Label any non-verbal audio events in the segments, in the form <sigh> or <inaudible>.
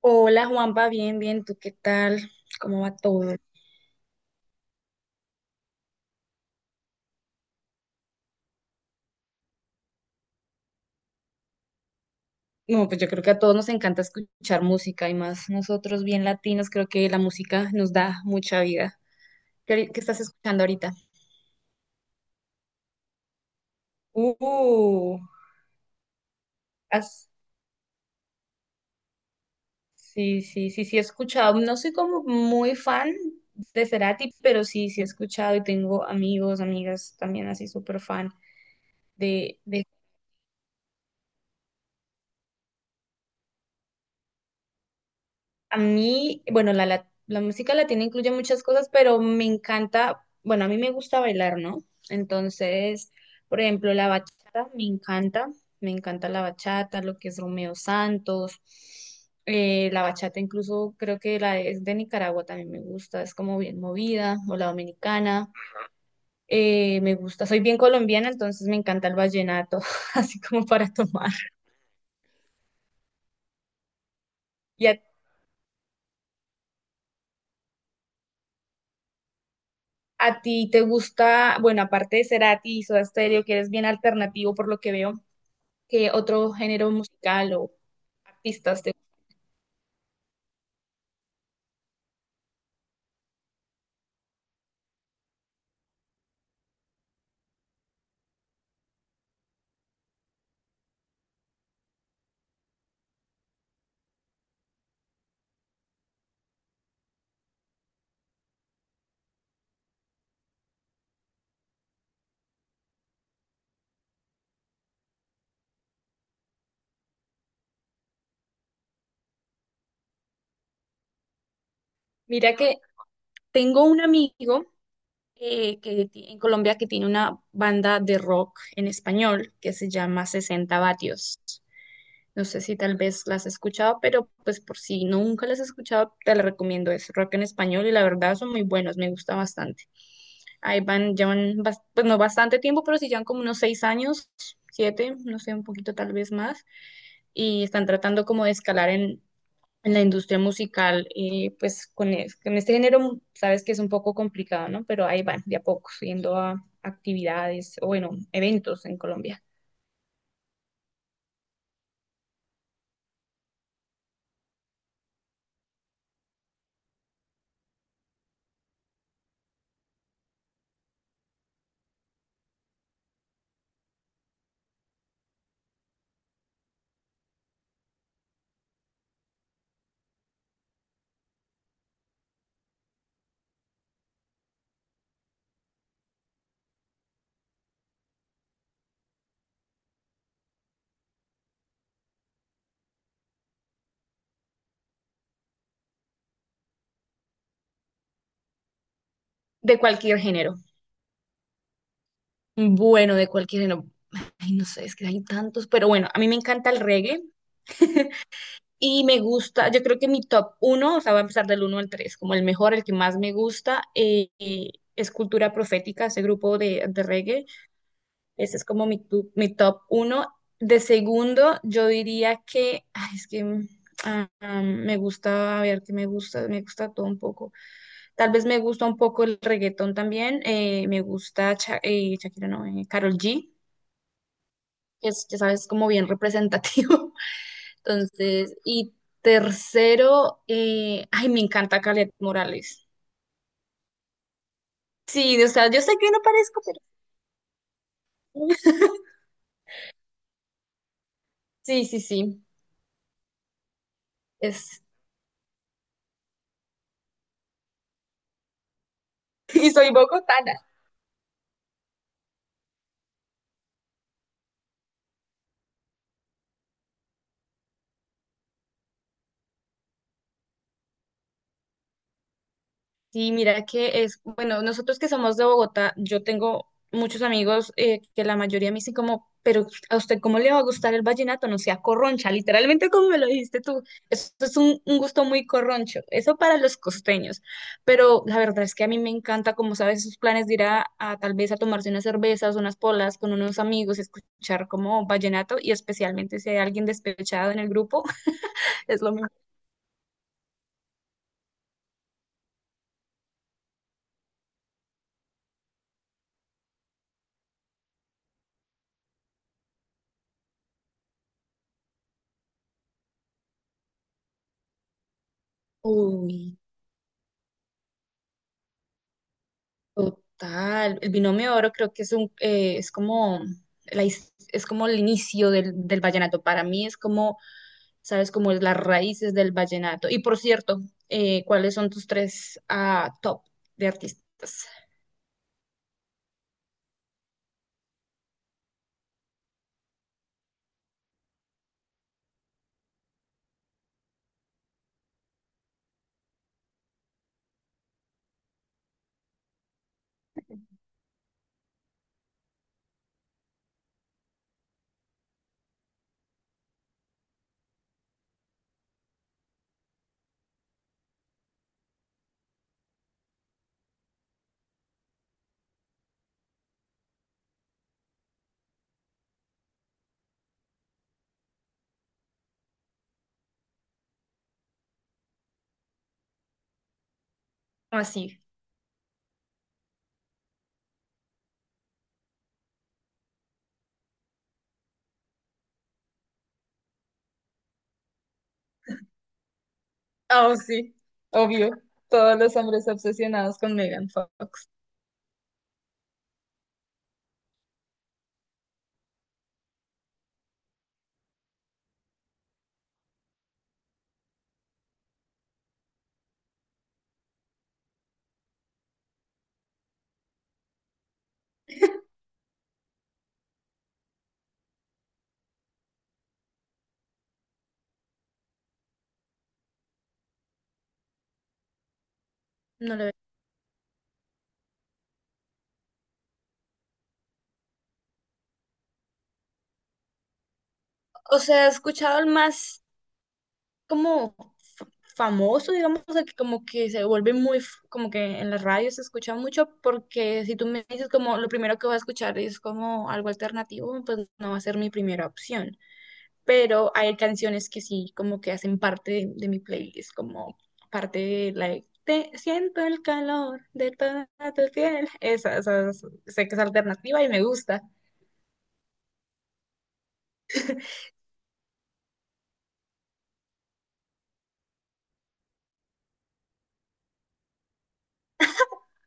Hola Juanpa, bien, bien, ¿tú qué tal? ¿Cómo va todo? No, pues yo creo que a todos nos encanta escuchar música y más nosotros bien latinos, creo que la música nos da mucha vida. ¿Qué, qué estás escuchando ahorita? Uh, has- sí, sí, sí, sí he escuchado. No soy como muy fan de Cerati, pero sí, sí he escuchado y tengo amigos, amigas también así súper fan de. A mí, bueno, la música latina incluye muchas cosas, pero me encanta, bueno, a mí me gusta bailar, ¿no? Entonces, por ejemplo, la bachata me encanta la bachata, lo que es Romeo Santos. La bachata incluso creo que la es de Nicaragua también me gusta, es como bien movida, o la dominicana. Me gusta, soy bien colombiana, entonces me encanta el vallenato, <laughs> así como para tomar. ¿Y a ¿A ti te gusta, bueno, aparte de Cerati y Soda Stereo, que eres bien alternativo por lo que veo, que otro género musical o artistas te... Mira que tengo un amigo en Colombia que tiene una banda de rock en español que se llama 60 Vatios. No sé si tal vez las has escuchado, pero pues por si nunca las has escuchado, te la recomiendo. Es rock en español y la verdad son muy buenos, me gusta bastante. Ahí van, llevan, pues no bastante tiempo, pero sí llevan como unos seis años, siete, no sé, un poquito tal vez más. Y están tratando como de escalar en la industria musical, pues con, con este género, sabes que es un poco complicado, ¿no? Pero ahí van, de a poco, yendo a actividades, o bueno, eventos en Colombia, de cualquier género. Bueno, de cualquier género. Ay, no sé, es que hay tantos, pero bueno, a mí me encanta el reggae. Y me gusta, yo creo que mi top uno, o sea, va a empezar del uno al tres, como el mejor, el que más me gusta, es Cultura Profética, ese grupo de reggae. Ese es como mi top uno. De segundo, yo diría que, ay, es que me gusta, a ver, que me gusta todo un poco. Tal vez me gusta un poco el reggaetón también, me gusta Shakira, no, Karol G, que es, ya sabes, como bien <laughs> representativo. Entonces, y tercero, ay, me encanta Calet Morales. Sí, o sea, yo sé que no parezco, pero <laughs> sí, sí, sí, es, <laughs> y soy bogotana. Sí, mira que es, bueno, nosotros que somos de Bogotá, yo tengo muchos amigos que la mayoría me dicen como, pero a usted cómo le va a gustar el vallenato, no sea corroncha, literalmente como me lo dijiste tú, eso es un gusto muy corroncho, eso para los costeños, pero la verdad es que a mí me encanta, como sabes, esos planes de ir a tal vez a tomarse unas cervezas, unas polas con unos amigos, escuchar como vallenato y especialmente si hay alguien despechado en el grupo, <laughs> es lo mismo. Uy. Total, el binomio de oro creo que es un es como es como el inicio del vallenato. Para mí es como, sabes, como es las raíces del vallenato. Y por cierto, ¿cuáles son tus tres ah, top de artistas? Así. Oh, sí, obvio. Todos los hombres obsesionados con Megan Fox. No lo he- O sea, he escuchado el más como fa- famoso, digamos, o sea, que como que se vuelve muy, como que en la radio se escucha mucho, porque si tú me dices como lo primero que voy a escuchar es como algo alternativo, pues no va a ser mi primera opción. Pero hay canciones que sí, como que hacen parte de mi playlist, como parte de la de Te siento el calor de toda tu piel. Esa, sé que es alternativa y me gusta.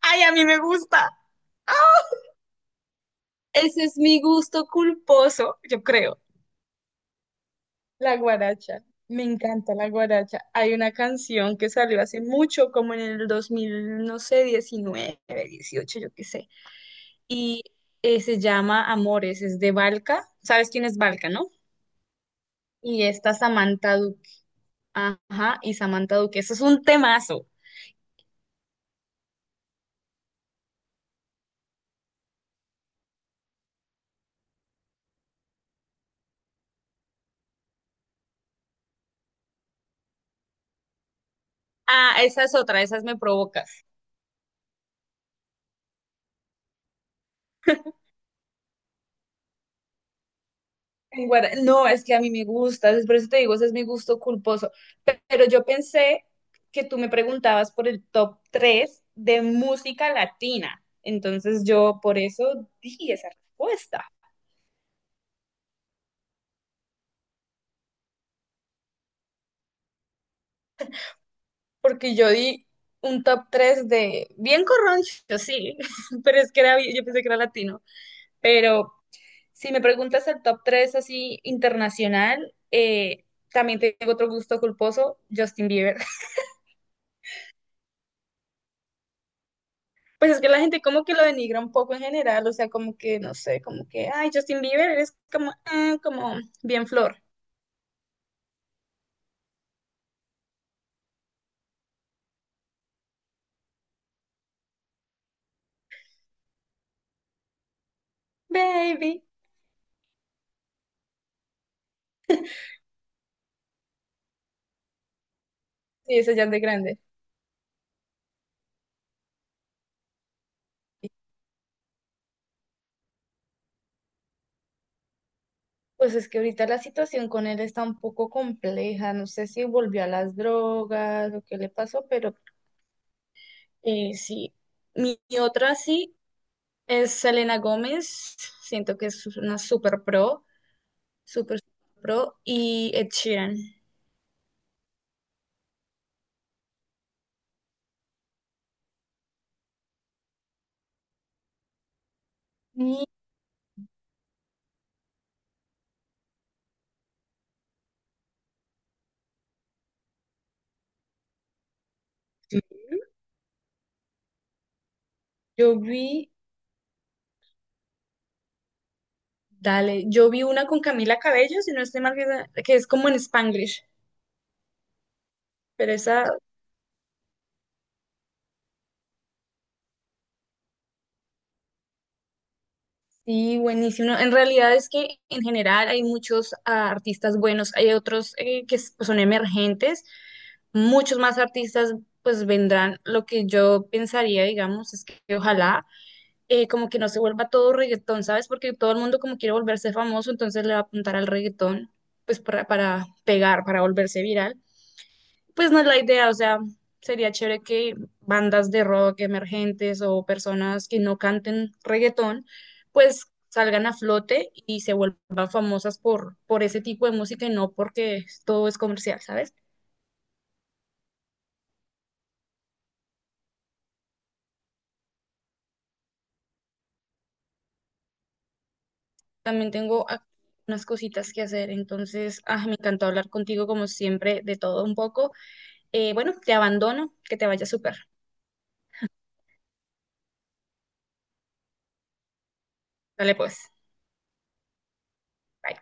¡Ay, a mí me gusta! ¡Ah! Ese es mi gusto culposo, yo creo. La guaracha, me encanta la guaracha. Hay una canción que salió hace mucho, como en el 2000, no sé, 19, 18, yo qué sé. Y se llama Amores, es de Valka. ¿Sabes quién es Valka, no? Y está Samantha Duque. Ajá, y Samantha Duque. Eso es un temazo. Ah, esa es otra, esas me provocas. No, es que a mí me gusta, es por eso te digo, ese es mi gusto culposo. Pero yo pensé que tú me preguntabas por el top 3 de música latina. Entonces yo por eso di esa respuesta, porque yo di un top 3 de bien corroncho, sí, <laughs> pero es que era, yo pensé que era latino. Pero si me preguntas el top 3 así internacional, también tengo otro gusto culposo, Justin Bieber. Pues es que la gente como que lo denigra un poco en general, o sea, como que, no sé, como que, ay, Justin Bieber es como, ah, como bien flor, baby. Sí, eso ya es de grande. Pues es que ahorita la situación con él está un poco compleja, no sé si volvió a las drogas o qué le pasó, pero sí. Mi otra sí es Selena Gómez, siento que es una super pro, super, super pro, y Ed Sheeran. Y yo vi... Dale, yo vi una con Camila Cabello, si no estoy mal, que es como en Spanglish, pero esa sí, buenísima. En realidad es que en general hay muchos ah, artistas buenos, hay otros pues, son emergentes, muchos más artistas pues vendrán. Lo que yo pensaría, digamos, es que ojalá como que no se vuelva todo reggaetón, ¿sabes? Porque todo el mundo como quiere volverse famoso, entonces le va a apuntar al reggaetón, pues para pegar, para volverse viral. Pues no es la idea, o sea, sería chévere que bandas de rock emergentes o personas que no canten reggaetón, pues salgan a flote y se vuelvan famosas por ese tipo de música y no porque todo es comercial, ¿sabes? También tengo unas cositas que hacer, entonces, ah, me encantó hablar contigo como siempre de todo un poco. Bueno, te abandono, que te vaya súper. Dale pues. Bye.